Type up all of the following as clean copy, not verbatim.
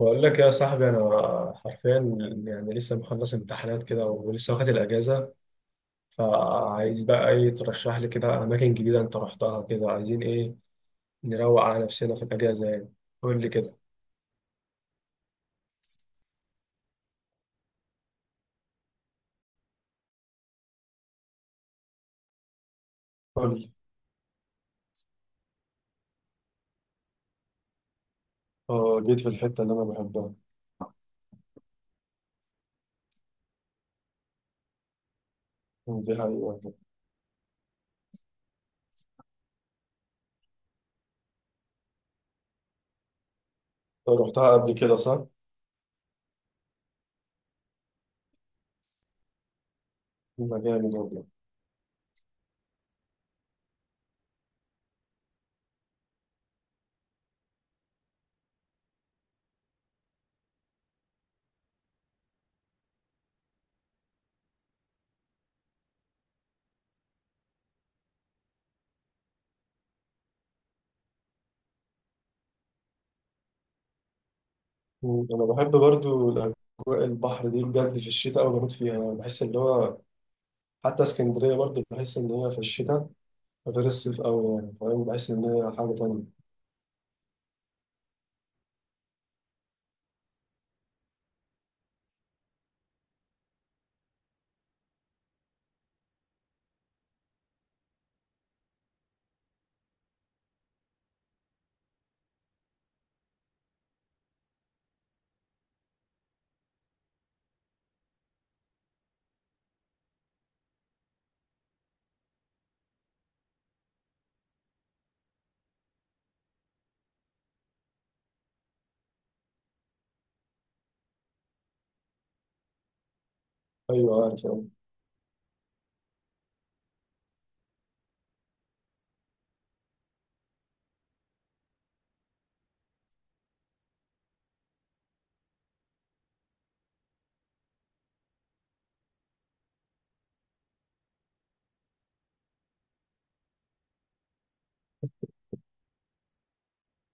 بقول لك يا صاحبي، انا حرفيا يعني لسه مخلص امتحانات كده ولسه واخد الاجازه، فعايز بقى ايه. ترشح لي كده اماكن جديده انت رحتها كده. عايزين ايه نروق على نفسنا في الاجازه يعني. قول لي كده. قول لي. اه، جيت في الحتة اللي أنا بحبها. دي حقيقة. أنت رحتها قبل كده صح؟ يبقى جامد والله. مم. أنا بحب برضو الأجواء البحر دي بجد، في الشتاء أوي بموت فيها يعني. بحس اللي هو حتى اسكندرية برضو، بحس إن هي في الشتاء غير الصيف أوي يعني، فاهم؟ بحس إن هي حاجة تانية. ايوه عارف، أه.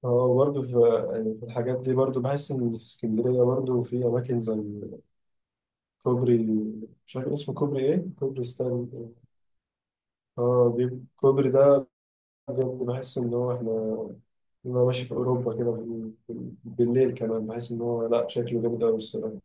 برضه في يعني في الحاجات دي برضه، بحس ان في اسكندريه برضه في اماكن زي كوبري، مش عارف اسمه كوبري ايه، كوبري ستانلي. اه، الكوبري ده بجد بحس ان هو احنا انا ماشي في اوروبا كده بالليل كمان. بحس ان هو لا شكله جامد قوي الصراحه.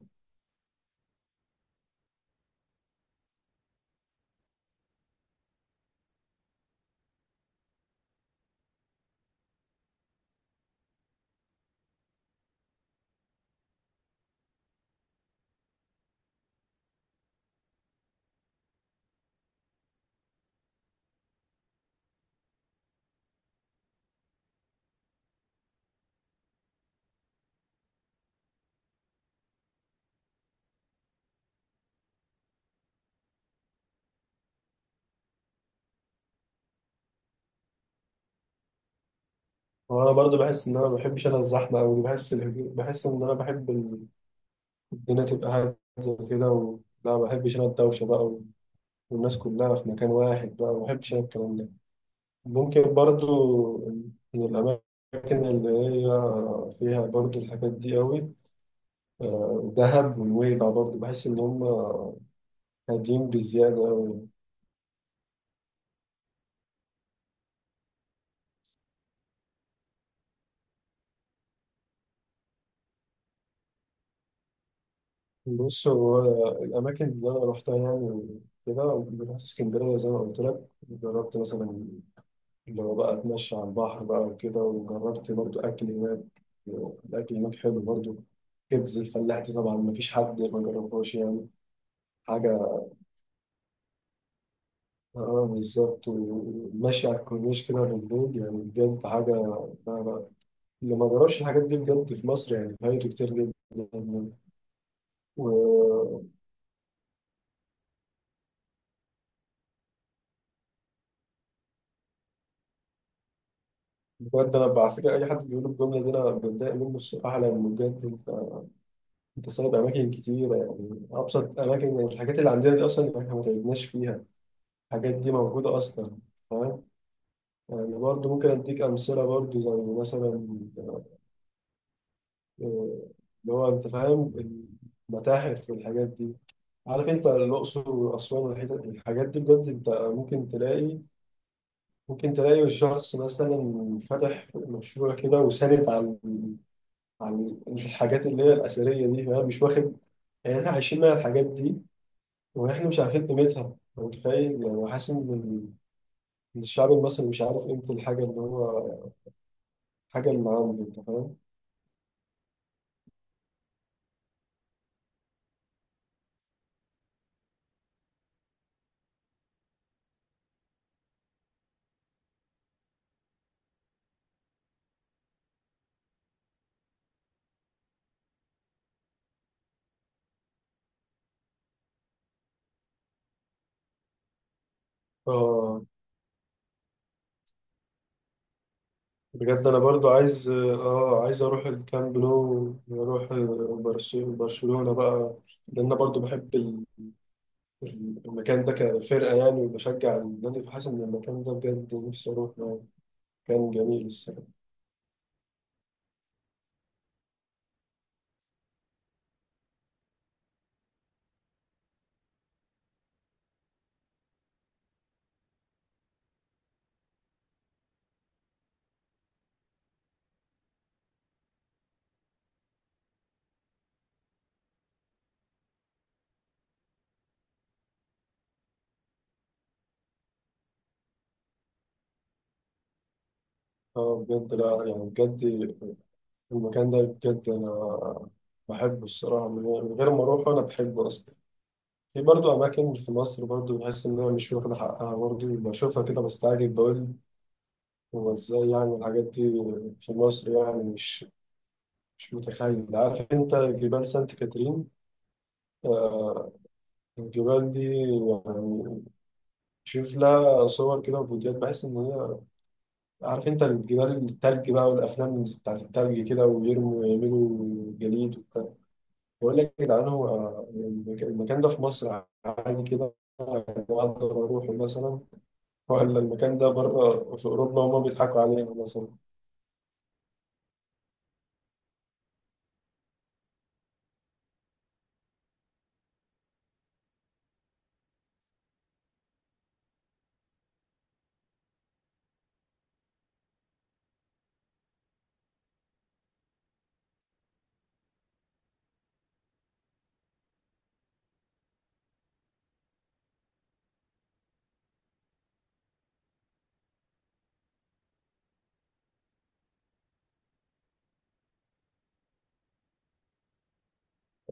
وانا برضه بحس ان انا ما بحبش انا الزحمه قوي. بحس الهدوء، بحس ان انا بحب الدنيا تبقى هاديه كده و لا، ما بحبش انا الدوشه بقى والناس كلها في مكان واحد بقى. ما بحبش انا الكلام ده. ممكن برضو من الأماكن اللي هي فيها برضو الحاجات دي قوي، دهب ونويبع، برضو بحس إن هم هادين بزيادة قوي. بص هو الأماكن اللي أنا روحتها يعني كده، رحت اسكندرية زي ما قلت لك. جربت مثلا اللي هو بقى أتمشى على البحر بقى وكده، وجربت برضو أكل هناك. الأكل هناك حلو برضو. كبدة الفلاح دي طبعا مفيش حد ما جربهاش يعني. حاجة، اه، بالظبط. وماشي على الكورنيش كده بالليل يعني بجد حاجة. لا لا، اللي ما جربش الحاجات دي بجد في مصر يعني فايته كتير جدا يعني. وبجد، أنا على فكرة أي حد بيقول الجملة دي أنا بتضايق منه الصراحة. لأن بجد أنت أنت سايب أماكن كتيرة يعني، أبسط أماكن يعني، الحاجات اللي عندنا دي أصلا إحنا ما تعبناش فيها. الحاجات دي موجودة أصلا، فاهم يعني. برضه ممكن أديك أمثلة برضه، زي مثلا، آه، اللي هو انت فاهم، المتاحف والحاجات دي. عارف انت الاقصر واسوان الحاجات دي، بجد انت ممكن تلاقي ممكن تلاقي الشخص مثلا فاتح مشروع كده وساند عن عن الحاجات اللي هي الاثريه دي، فاهم؟ مش واخد يعني، احنا عايشين مع الحاجات دي واحنا مش عارفين قيمتها. أنت متخيل يعني، حاسس ان إن الشعب المصري مش عارف قيمه الحاجه اللي هو الحاجه اللي عنده، انت فاهم. اه بجد، انا برضو عايز اه، عايز اروح الكامب نو واروح برشلونة بقى، لان انا برضو بحب المكان ده كفرقة يعني وبشجع النادي، فحاسس ان المكان ده بجد نفسي اروح يعني. كان جميل الصراحة. اه بجد، لا يعني بجد المكان ده بجد انا بحبه الصراحة، من غير من غير ما اروح انا بحبه اصلا. في برضو أماكن في مصر برضو بحس إن أنا مش واخدة حقها برضو، بشوفها كده بستعجب، بقول هو إزاي يعني الحاجات دي في مصر يعني. مش مش متخيل. عارف انت جبال سانت كاترين؟ آه، الجبال دي يعني شوف لها صور كده وفيديوهات، بحس ان هي عارف انت الجبال التلج بقى، والافلام بتاعت التلج كده ويرموا ويعملوا جليد وبتاع. بقول لك يا جدعان، هو المكان ده في مصر عادي كده اقدر اروحه مثلا؟ ولا المكان ده بره في اوروبا وهم بيضحكوا علينا مثلا؟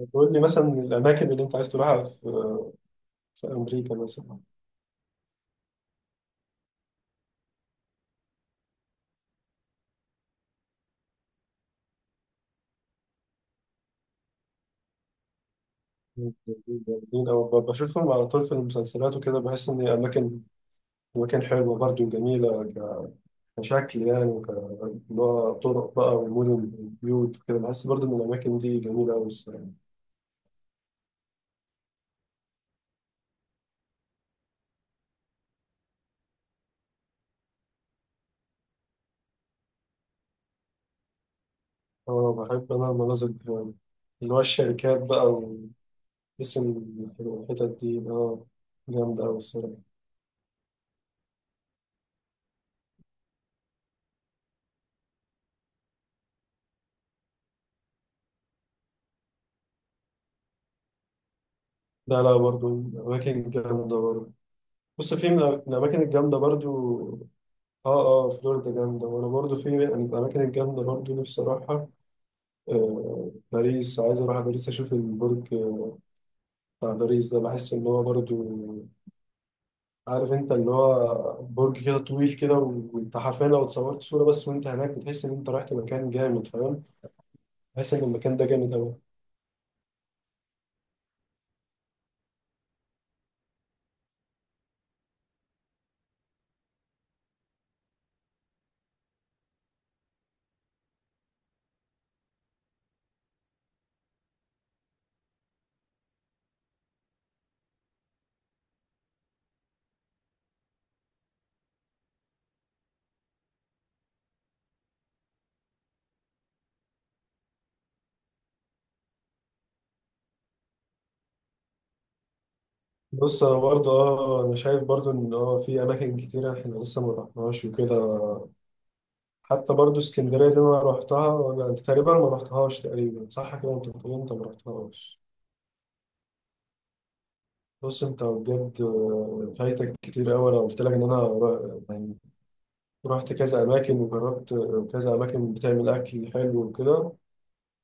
تقول لي مثلا الاماكن اللي انت عايز تروحها في في امريكا مثلا. جامدين أوي، بشوفهم على طول في المسلسلات وكده، بحس إن أماكن أماكن حلوة برضه، جميلة كشكل يعني، وك اللي هو طرق بقى والمدن والبيوت وكده. بحس برضه إن الأماكن دي جميلة أوي الصراحة. أه بحب أنا المناظر دي أوي. اللي هو الشركات بقى واسم الحتت دي، أه، جامدة أوي الصراحة. لا لا برضه الأماكن جامدة برضه. بص في من الأماكن الجامدة برضه، اه اه، فلوريدا جامدة. وانا برضو في يعني من الأماكن الجامدة برضو نفسي أروحها، آه، باريس. عايز اروح باريس اشوف البرج، آه، بتاع باريس ده. بحس ان هو برضو عارف انت اللي هو برج كده طويل كده وانت حرفيا لو اتصورت صورة بس وانت هناك، بتحس ان انت رحت مكان جامد، فاهم؟ بحس ان المكان ده جامد قوي. بص انا برضه اه، انا شايف برضه ان اه في اماكن كتيرة احنا لسه ما رحناهاش وكده. حتى برضه اسكندرية دي انا رحتها ولا انت تقريبا ما رحتهاش تقريبا، صح كده؟ انت بتقول انت ما رحتهاش. بص انت بجد، آه، فايتك كتير قوي. انا قلت لك ان انا رحت كذا أماكن وجربت كذا أماكن بتعمل أكل حلو وكده.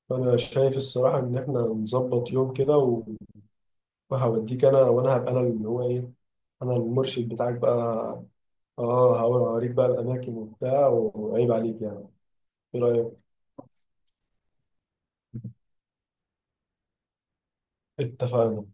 فأنا شايف الصراحة إن إحنا نظبط يوم كده وهوديك أنا، وأنا هبقى أنا اللي هو إيه، أنا المرشد بتاعك بقى. آه، هوريك بقى الأماكن وبتاع، وعيب عليك يعني. إيه رأيك؟ اتفقنا.